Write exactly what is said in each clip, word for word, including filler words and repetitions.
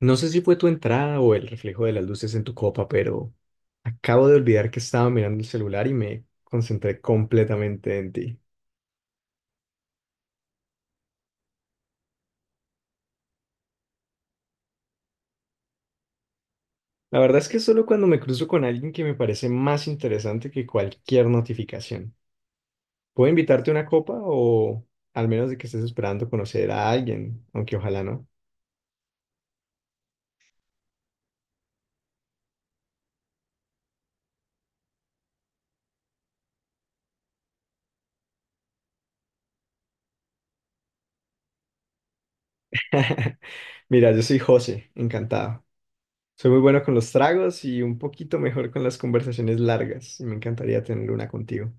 No sé si fue tu entrada o el reflejo de las luces en tu copa, pero acabo de olvidar que estaba mirando el celular y me concentré completamente en ti. La verdad es que solo cuando me cruzo con alguien que me parece más interesante que cualquier notificación. ¿Puedo invitarte a una copa o al menos de que estés esperando conocer a alguien, aunque ojalá no? Mira, yo soy José, encantado. Soy muy bueno con los tragos y un poquito mejor con las conversaciones largas y me encantaría tener una contigo.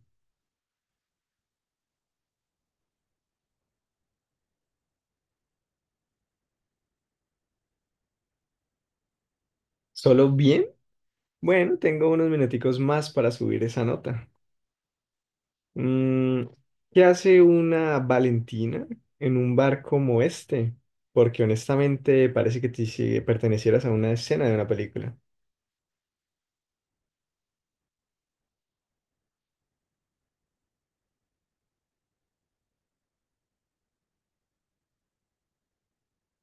¿Solo bien? Bueno, tengo unos minuticos más para subir esa nota. Mm, ¿Qué hace una Valentina en un bar como este? Porque honestamente parece que te, si pertenecieras a una escena de una película.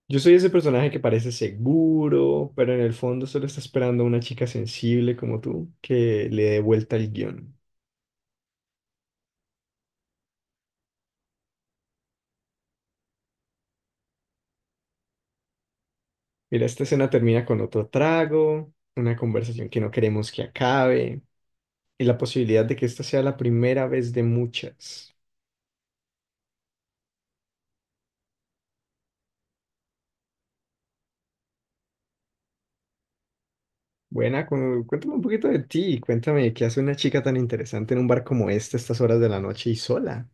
Yo soy ese personaje que parece seguro, pero en el fondo solo está esperando a una chica sensible como tú que le dé vuelta el guión. Mira, esta escena termina con otro trago, una conversación que no queremos que acabe y la posibilidad de que esta sea la primera vez de muchas. Buena, cu- cuéntame un poquito de ti, cuéntame qué hace una chica tan interesante en un bar como este a estas horas de la noche y sola.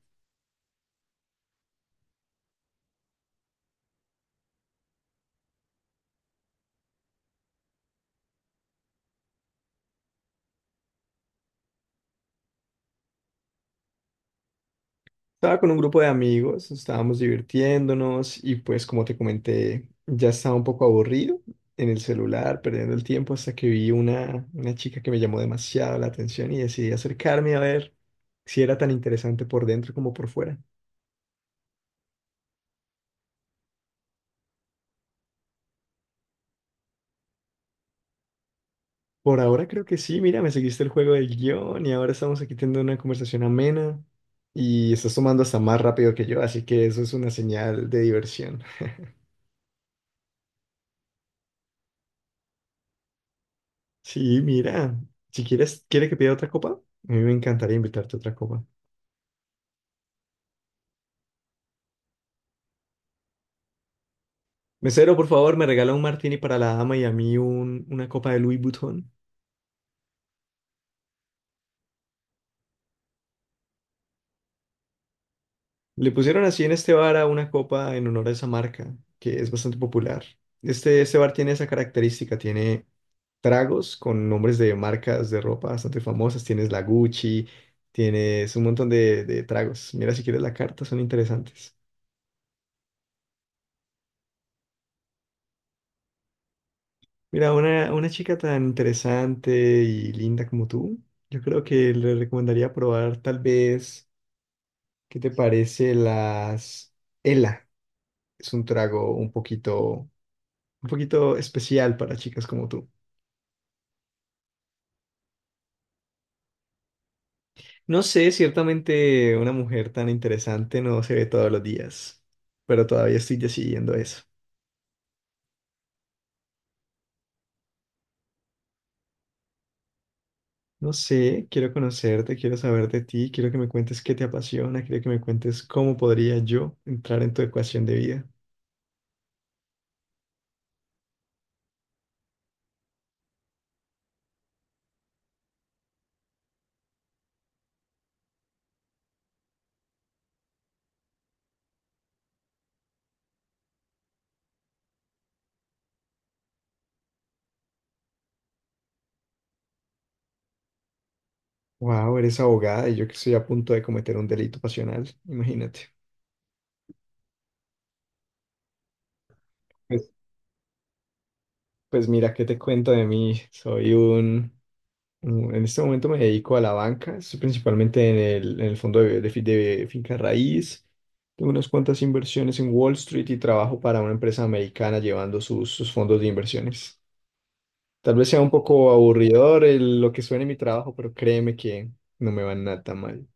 Estaba con un grupo de amigos, estábamos divirtiéndonos y pues como te comenté, ya estaba un poco aburrido en el celular, perdiendo el tiempo hasta que vi una, una chica que me llamó demasiado la atención y decidí acercarme a ver si era tan interesante por dentro como por fuera. Por ahora creo que sí, mira, me seguiste el juego del guión y ahora estamos aquí teniendo una conversación amena y estás tomando hasta más rápido que yo, así que eso es una señal de diversión. Sí, mira, si quieres, ¿quiere que pida otra copa? A mí me encantaría invitarte a otra copa. Mesero, por favor, me regala un martini para la dama y a mí un, una copa de Louis Vuitton. Le pusieron así en este bar a una copa en honor a esa marca, que es bastante popular. Este, este bar tiene esa característica, tiene tragos con nombres de marcas de ropa bastante famosas. Tienes la Gucci, tienes un montón de, de tragos. Mira si quieres la carta, son interesantes. Mira, una, una chica tan interesante y linda como tú, yo creo que le recomendaría probar tal vez, ¿qué te parece las Ela? Es un trago un poquito, un poquito especial para chicas como tú. No sé, ciertamente una mujer tan interesante no se ve todos los días, pero todavía estoy decidiendo eso. No sé, quiero conocerte, quiero saber de ti, quiero que me cuentes qué te apasiona, quiero que me cuentes cómo podría yo entrar en tu ecuación de vida. Wow, eres abogada y yo que estoy a punto de cometer un delito pasional, imagínate. Pues, pues mira, ¿qué te cuento de mí? Soy un Mm, En este momento me dedico a la banca, estoy principalmente en el, en el fondo de, de fi- de finca raíz. Tengo unas cuantas inversiones en Wall Street y trabajo para una empresa americana llevando sus, sus fondos de inversiones. Tal vez sea un poco aburridor el- lo que suene mi trabajo, pero créeme que no me va nada mal.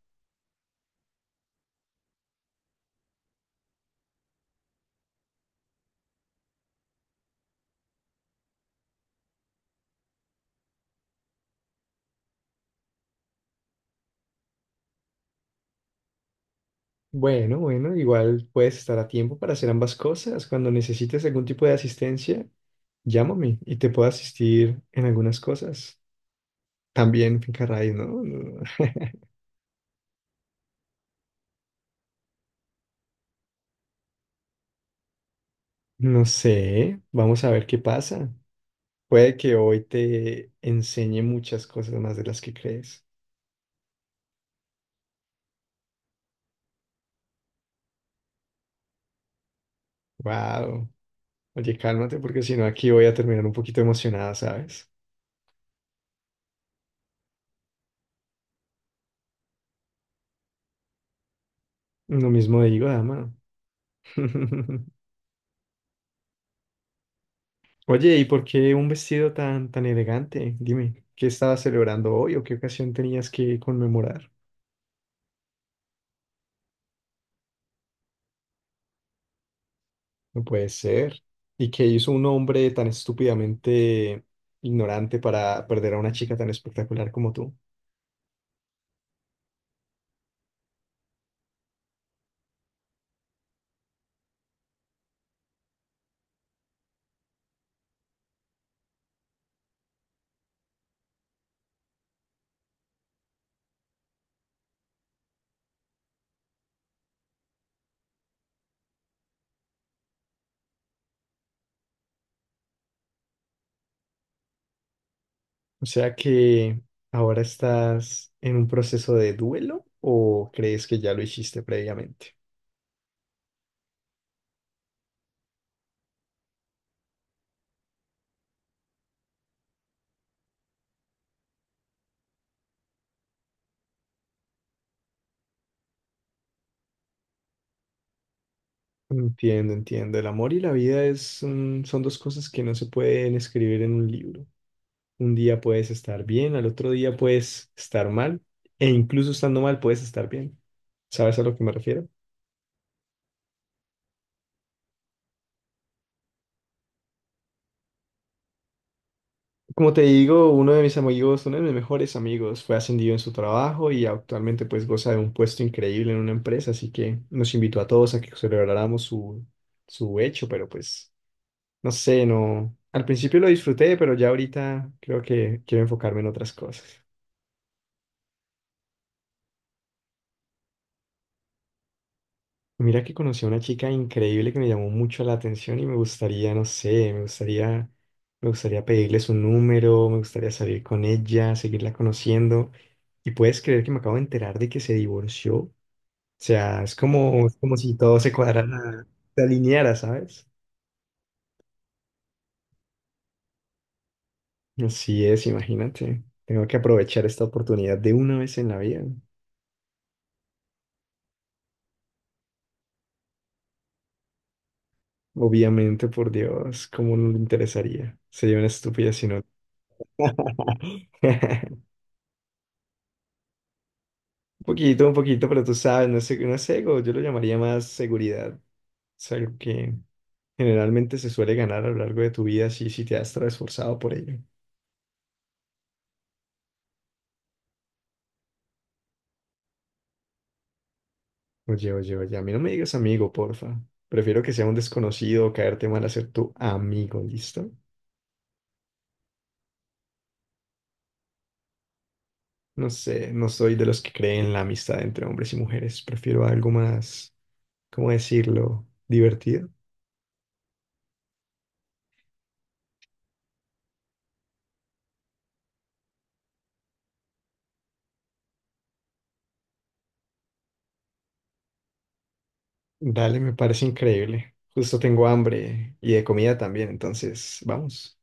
Bueno, bueno, igual puedes estar a tiempo para hacer ambas cosas. Cuando necesites algún tipo de asistencia, llámame y te puedo asistir en algunas cosas. También finca raíz, ¿no? No, no sé, vamos a ver qué pasa. Puede que hoy te enseñe muchas cosas más de las que crees. Wow. Oye, cálmate porque si no aquí voy a terminar un poquito emocionada, ¿sabes? Lo mismo digo, dama. Oye, ¿y por qué un vestido tan tan elegante? Dime, ¿qué estabas celebrando hoy o qué ocasión tenías que conmemorar? No puede ser. ¿Y qué hizo un hombre tan estúpidamente ignorante para perder a una chica tan espectacular como tú? O sea que ahora estás en un proceso de duelo o crees que ya lo hiciste previamente. Entiendo, entiendo. El amor y la vida es un- son dos cosas que no se pueden escribir en un libro. Un día puedes estar bien, al otro día puedes estar mal, e incluso estando mal puedes estar bien. ¿Sabes a lo que me refiero? Como te digo, uno de mis amigos, uno de mis mejores amigos, fue ascendido en su trabajo y actualmente pues goza de un puesto increíble en una empresa, así que nos invitó a todos a que celebráramos su, su hecho, pero pues no sé, no, al principio lo disfruté, pero ya ahorita creo que quiero enfocarme en otras cosas. Mira que conocí a una chica increíble que me llamó mucho la atención y me gustaría, no sé, me gustaría, me gustaría pedirle su número, me gustaría salir con ella, seguirla conociendo. Y puedes creer que me acabo de enterar de que se divorció. O sea, es como, es como si todo se cuadrara, se alineara, ¿sabes? Así es, imagínate. Tengo que aprovechar esta oportunidad de una vez en la vida. Obviamente, por Dios, ¿cómo no le interesaría? Sería una estupidez si no. Un poquito, un poquito, pero tú sabes, no es, no es ego, yo lo llamaría más seguridad. Es algo que generalmente se suele ganar a lo largo de tu vida si, si te has esforzado por ello. Oye, oye, oye, a mí no me digas amigo, porfa. Prefiero que sea un desconocido o caerte mal a ser tu amigo, ¿listo? No sé, no soy de los que creen la amistad entre hombres y mujeres. Prefiero algo más, ¿cómo decirlo? Divertido. Dale, me parece increíble. Justo tengo hambre y de comida también, entonces, vamos.